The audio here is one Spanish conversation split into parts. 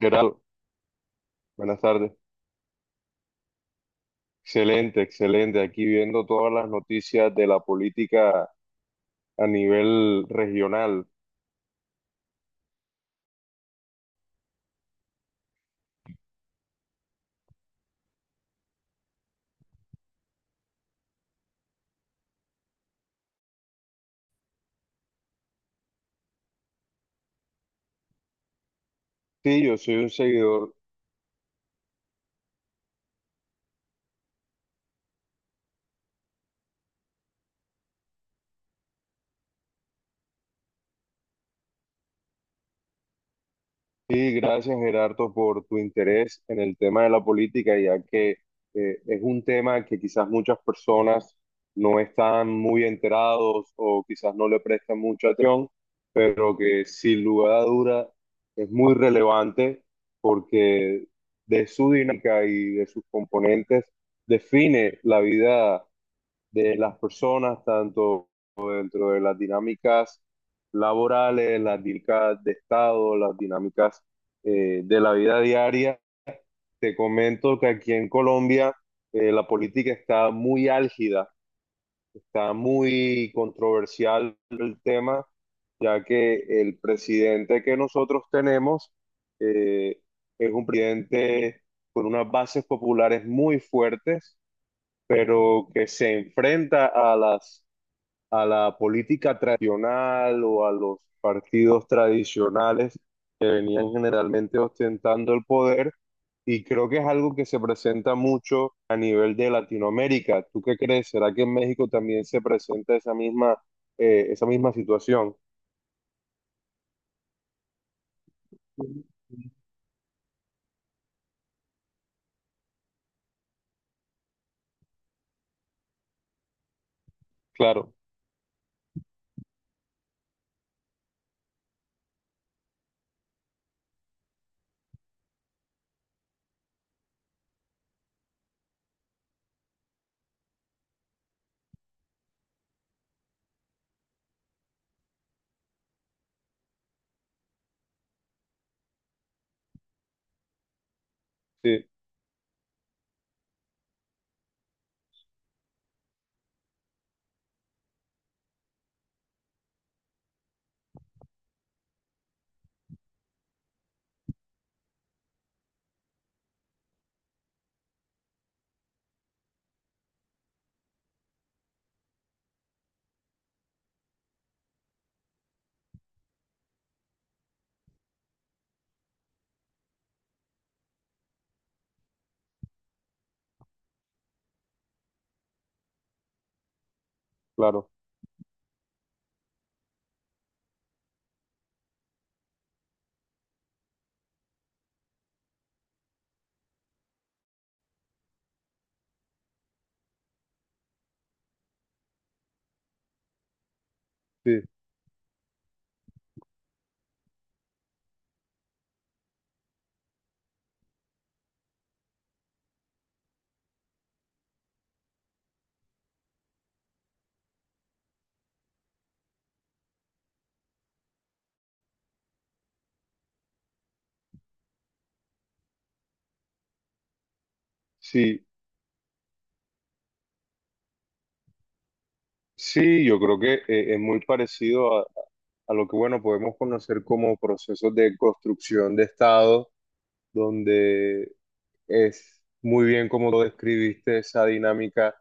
Gerardo, buenas tardes. Excelente, excelente. Aquí viendo todas las noticias de la política a nivel regional. Sí, yo soy un seguidor. Sí, gracias Gerardo por tu interés en el tema de la política, ya que es un tema que quizás muchas personas no están muy enterados o quizás no le prestan mucha atención, pero que sin lugar a duda es muy relevante porque de su dinámica y de sus componentes define la vida de las personas, tanto dentro de las dinámicas laborales, las dinámicas de Estado, las dinámicas de la vida diaria. Te comento que aquí en Colombia la política está muy álgida, está muy controversial el tema, ya que el presidente que nosotros tenemos eh, es un presidente con unas bases populares muy fuertes, pero que se enfrenta a las a la política tradicional o a los partidos tradicionales que venían generalmente ostentando el poder. Y creo que es algo que se presenta mucho a nivel de Latinoamérica. ¿Tú qué crees? ¿Será que en México también se presenta esa misma situación? Claro, sí, claro, sí, sí, sí, yo creo que es muy parecido a lo que, bueno, podemos conocer como procesos de construcción de Estado donde es muy bien como lo describiste, esa dinámica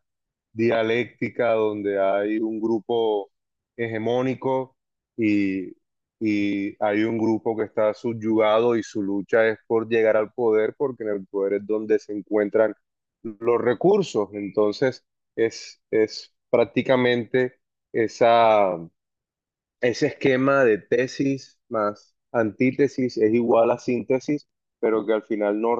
dialéctica donde hay un grupo hegemónico y, y hay un grupo que está subyugado y su lucha es por llegar al poder, porque en el poder es donde se encuentran los recursos. Entonces, es prácticamente esa ese esquema de tesis más antítesis es igual a síntesis, pero que al final no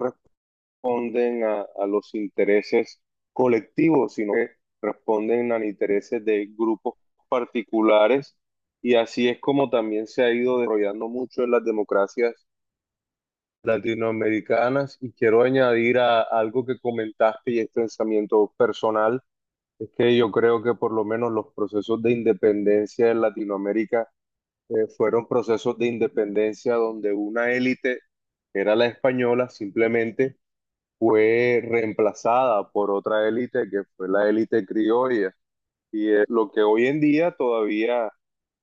responden a los intereses colectivos, sino que responden a intereses de grupos particulares. Y así es como también se ha ido desarrollando mucho en las democracias latinoamericanas. Y quiero añadir a algo que comentaste y es pensamiento personal, es que yo creo que por lo menos los procesos de independencia en Latinoamérica fueron procesos de independencia donde una élite, que era la española, simplemente fue reemplazada por otra élite que fue la élite criolla. Y es lo que hoy en día todavía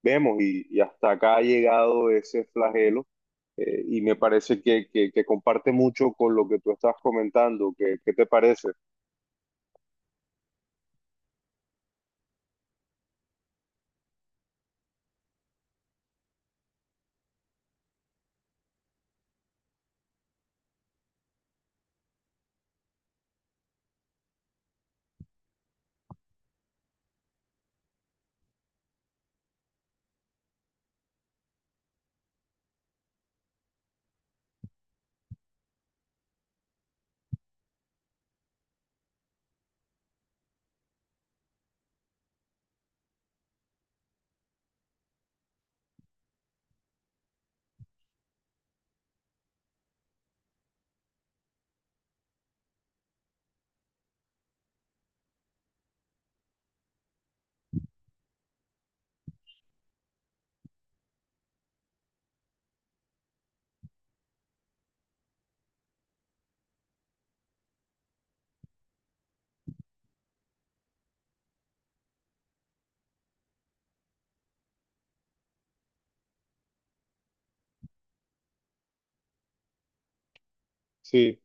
vemos y hasta acá ha llegado ese flagelo. Y me parece que comparte mucho con lo que tú estás comentando. ¿Qué, qué te parece? Sí.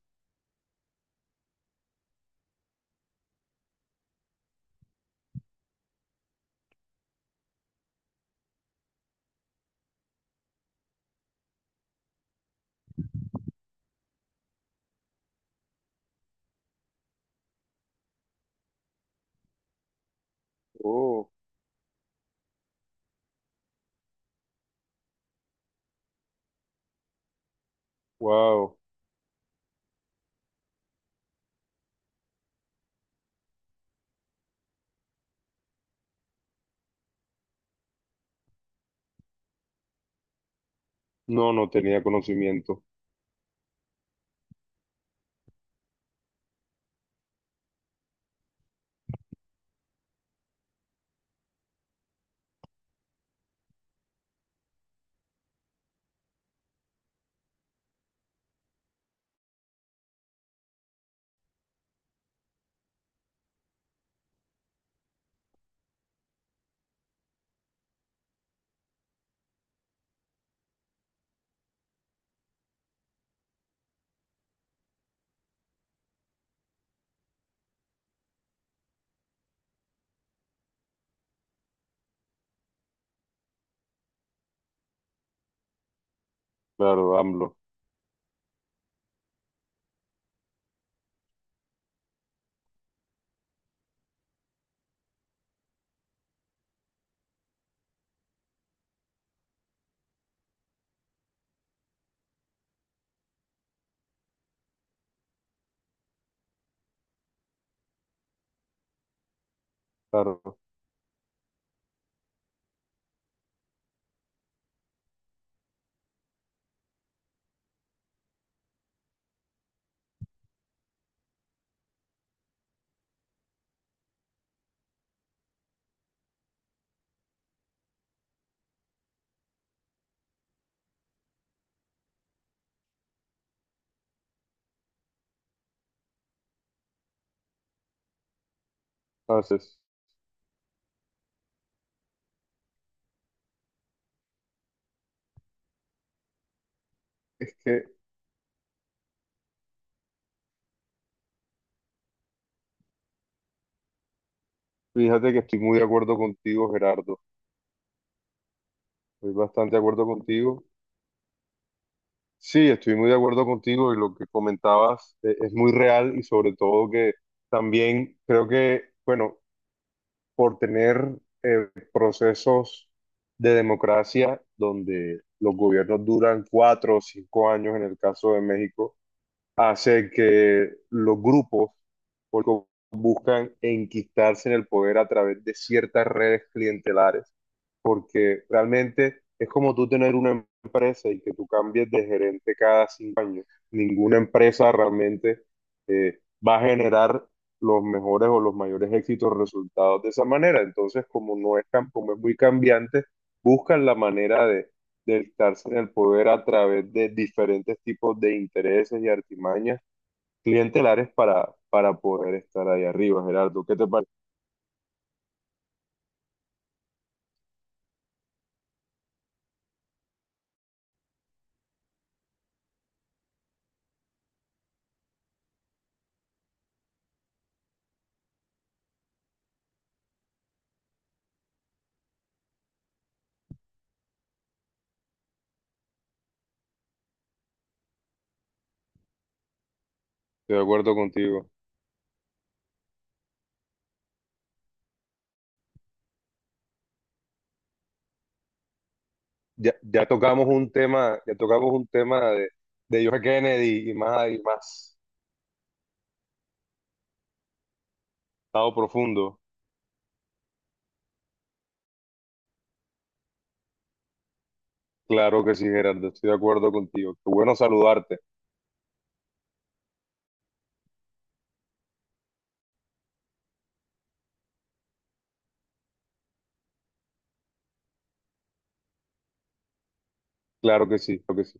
Oh, wow. No, no tenía conocimiento. Claro, AMLO. Claro. Entonces. Es que fíjate que estoy muy de acuerdo contigo, Gerardo. Estoy bastante de acuerdo contigo. Sí, estoy muy de acuerdo contigo y lo que comentabas es muy real y sobre todo que también creo que, bueno, por tener procesos de democracia donde los gobiernos duran 4 o 5 años en el caso de México hace que los grupos porque buscan enquistarse en el poder a través de ciertas redes clientelares, porque realmente es como tú tener una empresa y que tú cambies de gerente cada 5 años. Ninguna empresa realmente eh, va a generar los mejores o los mayores éxitos resultados de esa manera. Entonces, como no es tan, como es muy cambiante, buscan la manera de estarse en el poder a través de diferentes tipos de intereses y artimañas clientelares para poder estar ahí arriba, Gerardo. ¿Qué te parece? Estoy de acuerdo contigo. Ya, ya tocamos un tema, ya tocamos un tema de John F. Kennedy y más estado profundo. Claro que sí, Gerardo, estoy de acuerdo contigo. Qué bueno saludarte. Claro que sí, claro que sí.